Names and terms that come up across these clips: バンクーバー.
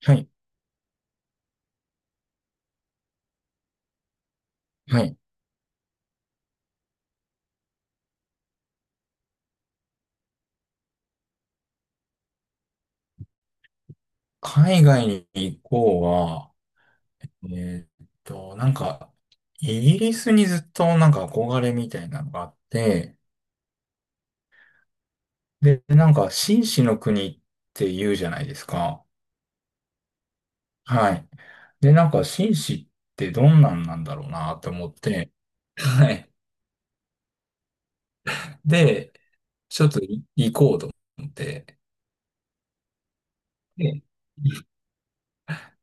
はい。はい。海外に行こうは、なんか、イギリスにずっとなんか憧れみたいなのがあって、で、なんか、紳士の国って言うじゃないですか。はい。で、なんか、紳士ってどんなんなんだろうなと思って、はい。で、ちょっと行こうと思って、で、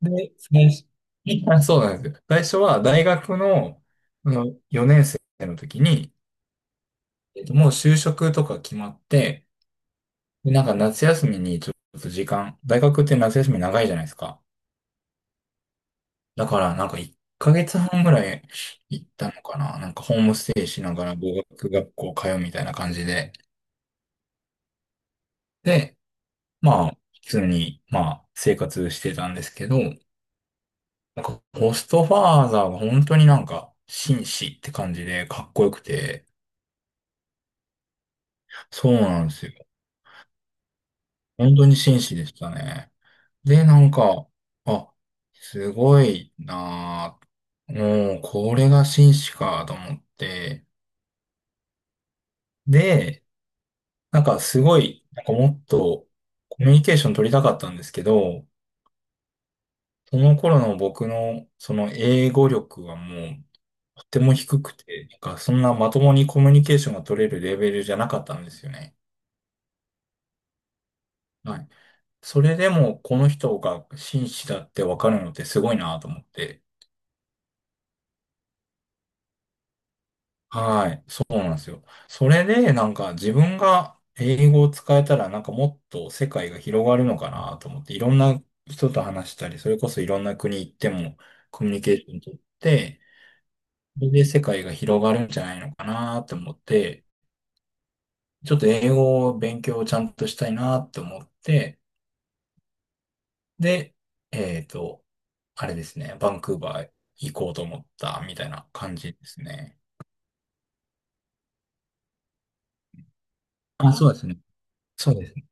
で、最初、そうなんですよ。最初は大学の、あの4年生の時に、もう就職とか決まって、で、なんか夏休みにちょっと時間、大学って夏休み長いじゃないですか。だからなんか1ヶ月半ぐらい行ったのかな。なんかホームステイしながら語学学校通うみたいな感じで。で、まあ、普通に、まあ、生活してたんですけど、なんかホストファーザーが本当になんか紳士って感じでかっこよくて、そうなんですよ。本当に紳士でしたね。で、なんか、あ、すごいなぁ。もう、これが紳士かと思って。で、なんかすごい、なんかもっとコミュニケーション取りたかったんですけど、その頃の僕のその英語力はもうとても低くて、なんかそんなまともにコミュニケーションが取れるレベルじゃなかったんですよね。はい。それでもこの人が紳士だってわかるのってすごいなと思って。はい、そうなんですよ。それで、なんか自分が英語を使えたら、なんかもっと世界が広がるのかなと思って、いろんな人と話したり、それこそいろんな国行ってもコミュニケーション取って、それで世界が広がるんじゃないのかなと思って、ちょっと英語を勉強をちゃんとしたいなと思って、で、えっと、あれですね、バンクーバー行こうと思ったみたいな感じですね。あ、そうですね。そうですね。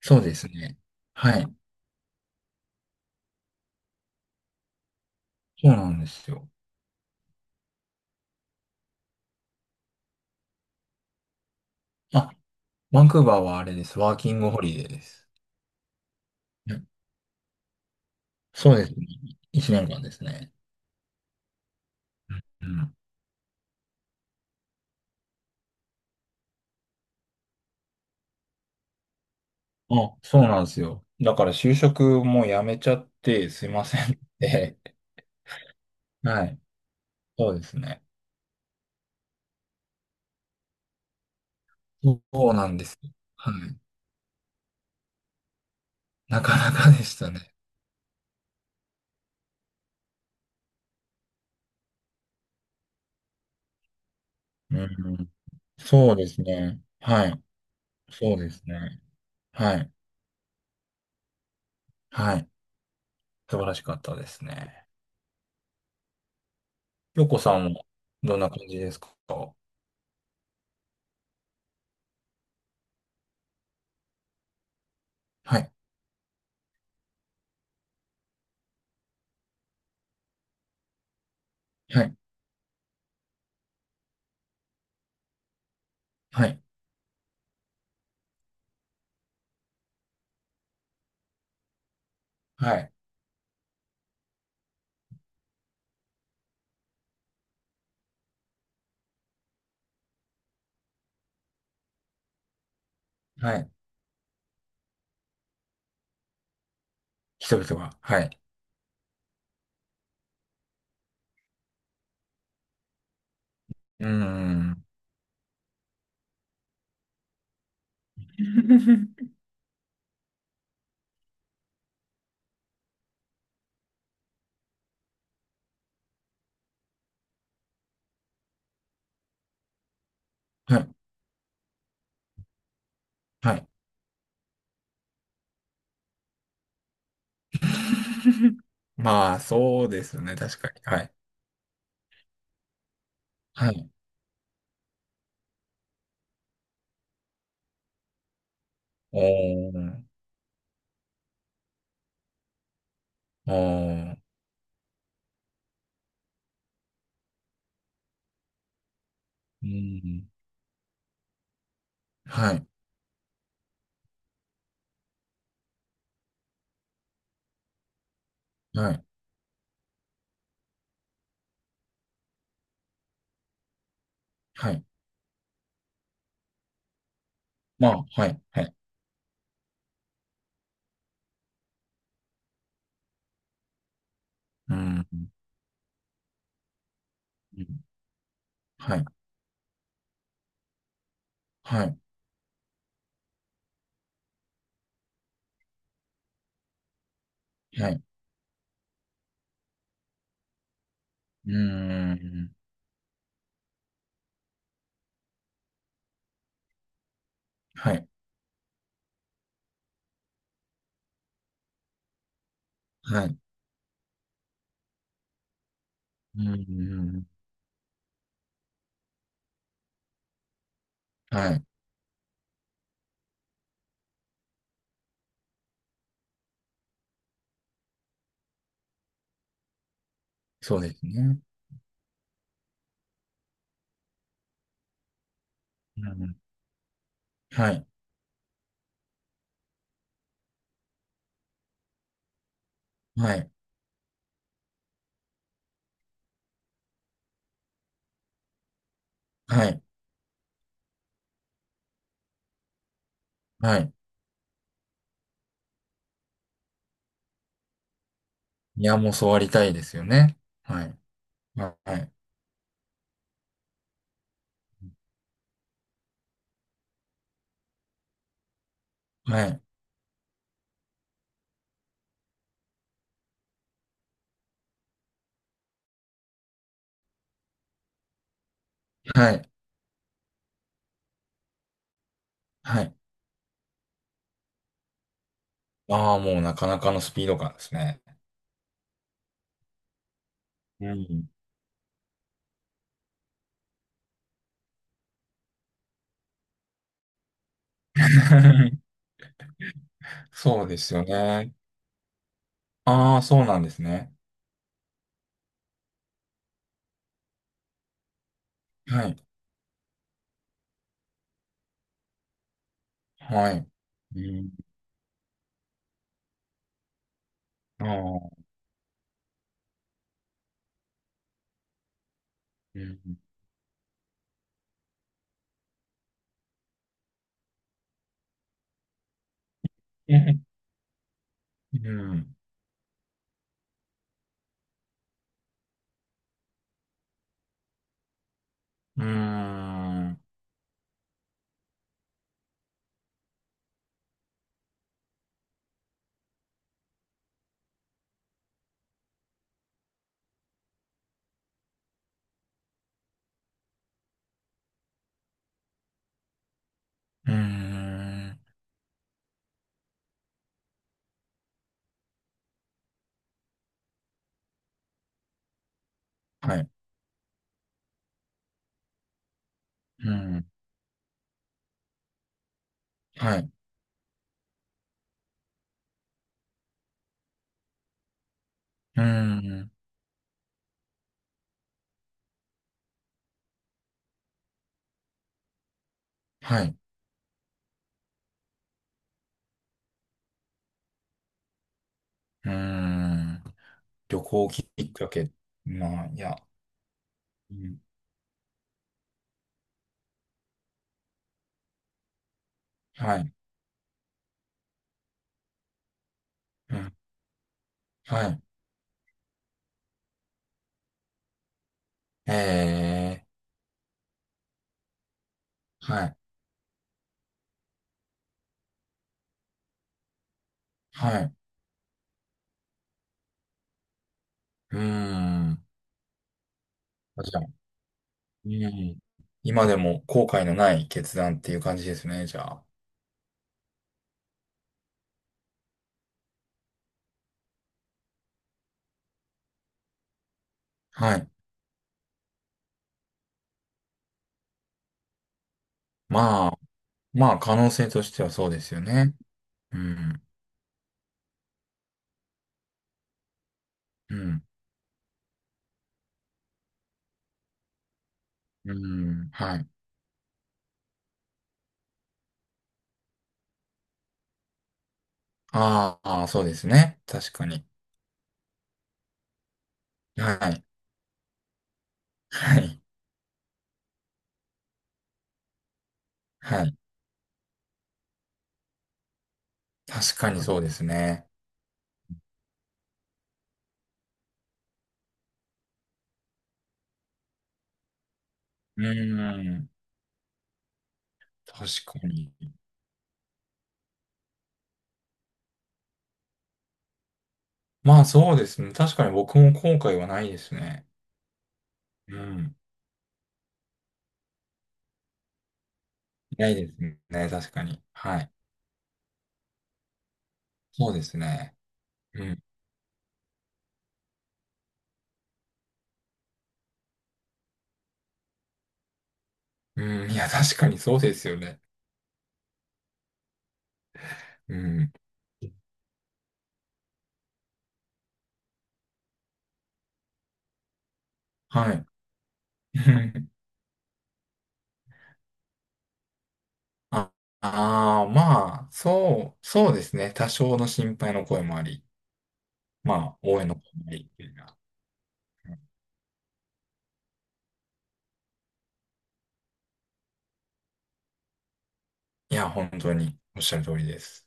そうですね。はい。そうなんですよ。あ、バンクーバーはあれです。ワーキングホリデーです。うん、そうですね。1年間ですね。うん。あ、そうなんですよ。だから就職もやめちゃってすいませんって。はい。そうですね。そうなんです。はい。なかなかでしたね。うん。そうですね。はい。そうですね。はい。はい。素晴らしかったですね。京子さんもどんな感じですか？はい。はい。はい。はい。はい。はい、人々が。はい。うーん。はい。はい。まあ、そうですね。確かに。はい。はい。おー。おー。うん。はい。はい。はい。まあ、はい。はい。うん。うん、はい。はい。はい。うん。はい。はい。うん。はい。そうですね。うん。はい。はい。はい。はい。いや、もうそうありたいですよね。はい。はい。はい。はい。はい。はい。ああ、もうなかなかのスピード感ですね。うん。そうですよね。ああ、そうなんですね。はい。はい。うん。ああ、うん。うん、うん。うん。はい。うん。はい。うん。はい。うん。旅行きっかけ。まあ、いや。うん。はい。うん。はい。ええ。はい。はい。うーん。じゃあ、うん。今でも後悔のない決断っていう感じですね、じゃあ。はい。まあ、まあ、可能性としてはそうですよね。うん。うん。うん。はい。ああ、そうですね。確かに。はい。はい。はい。確かにそうですね。うん。確かに。まあ、そうですね。確かに僕も後悔はないですね。うん。ないですね。確かに。はい。そうですね。うん。うん。いや、確かにそうですよね。うん。はい。ああー、まあ、そうですね。多少の心配の声もあり、まあ、応援の声もあり、みたいな。ういや、本当におっしゃる通りです。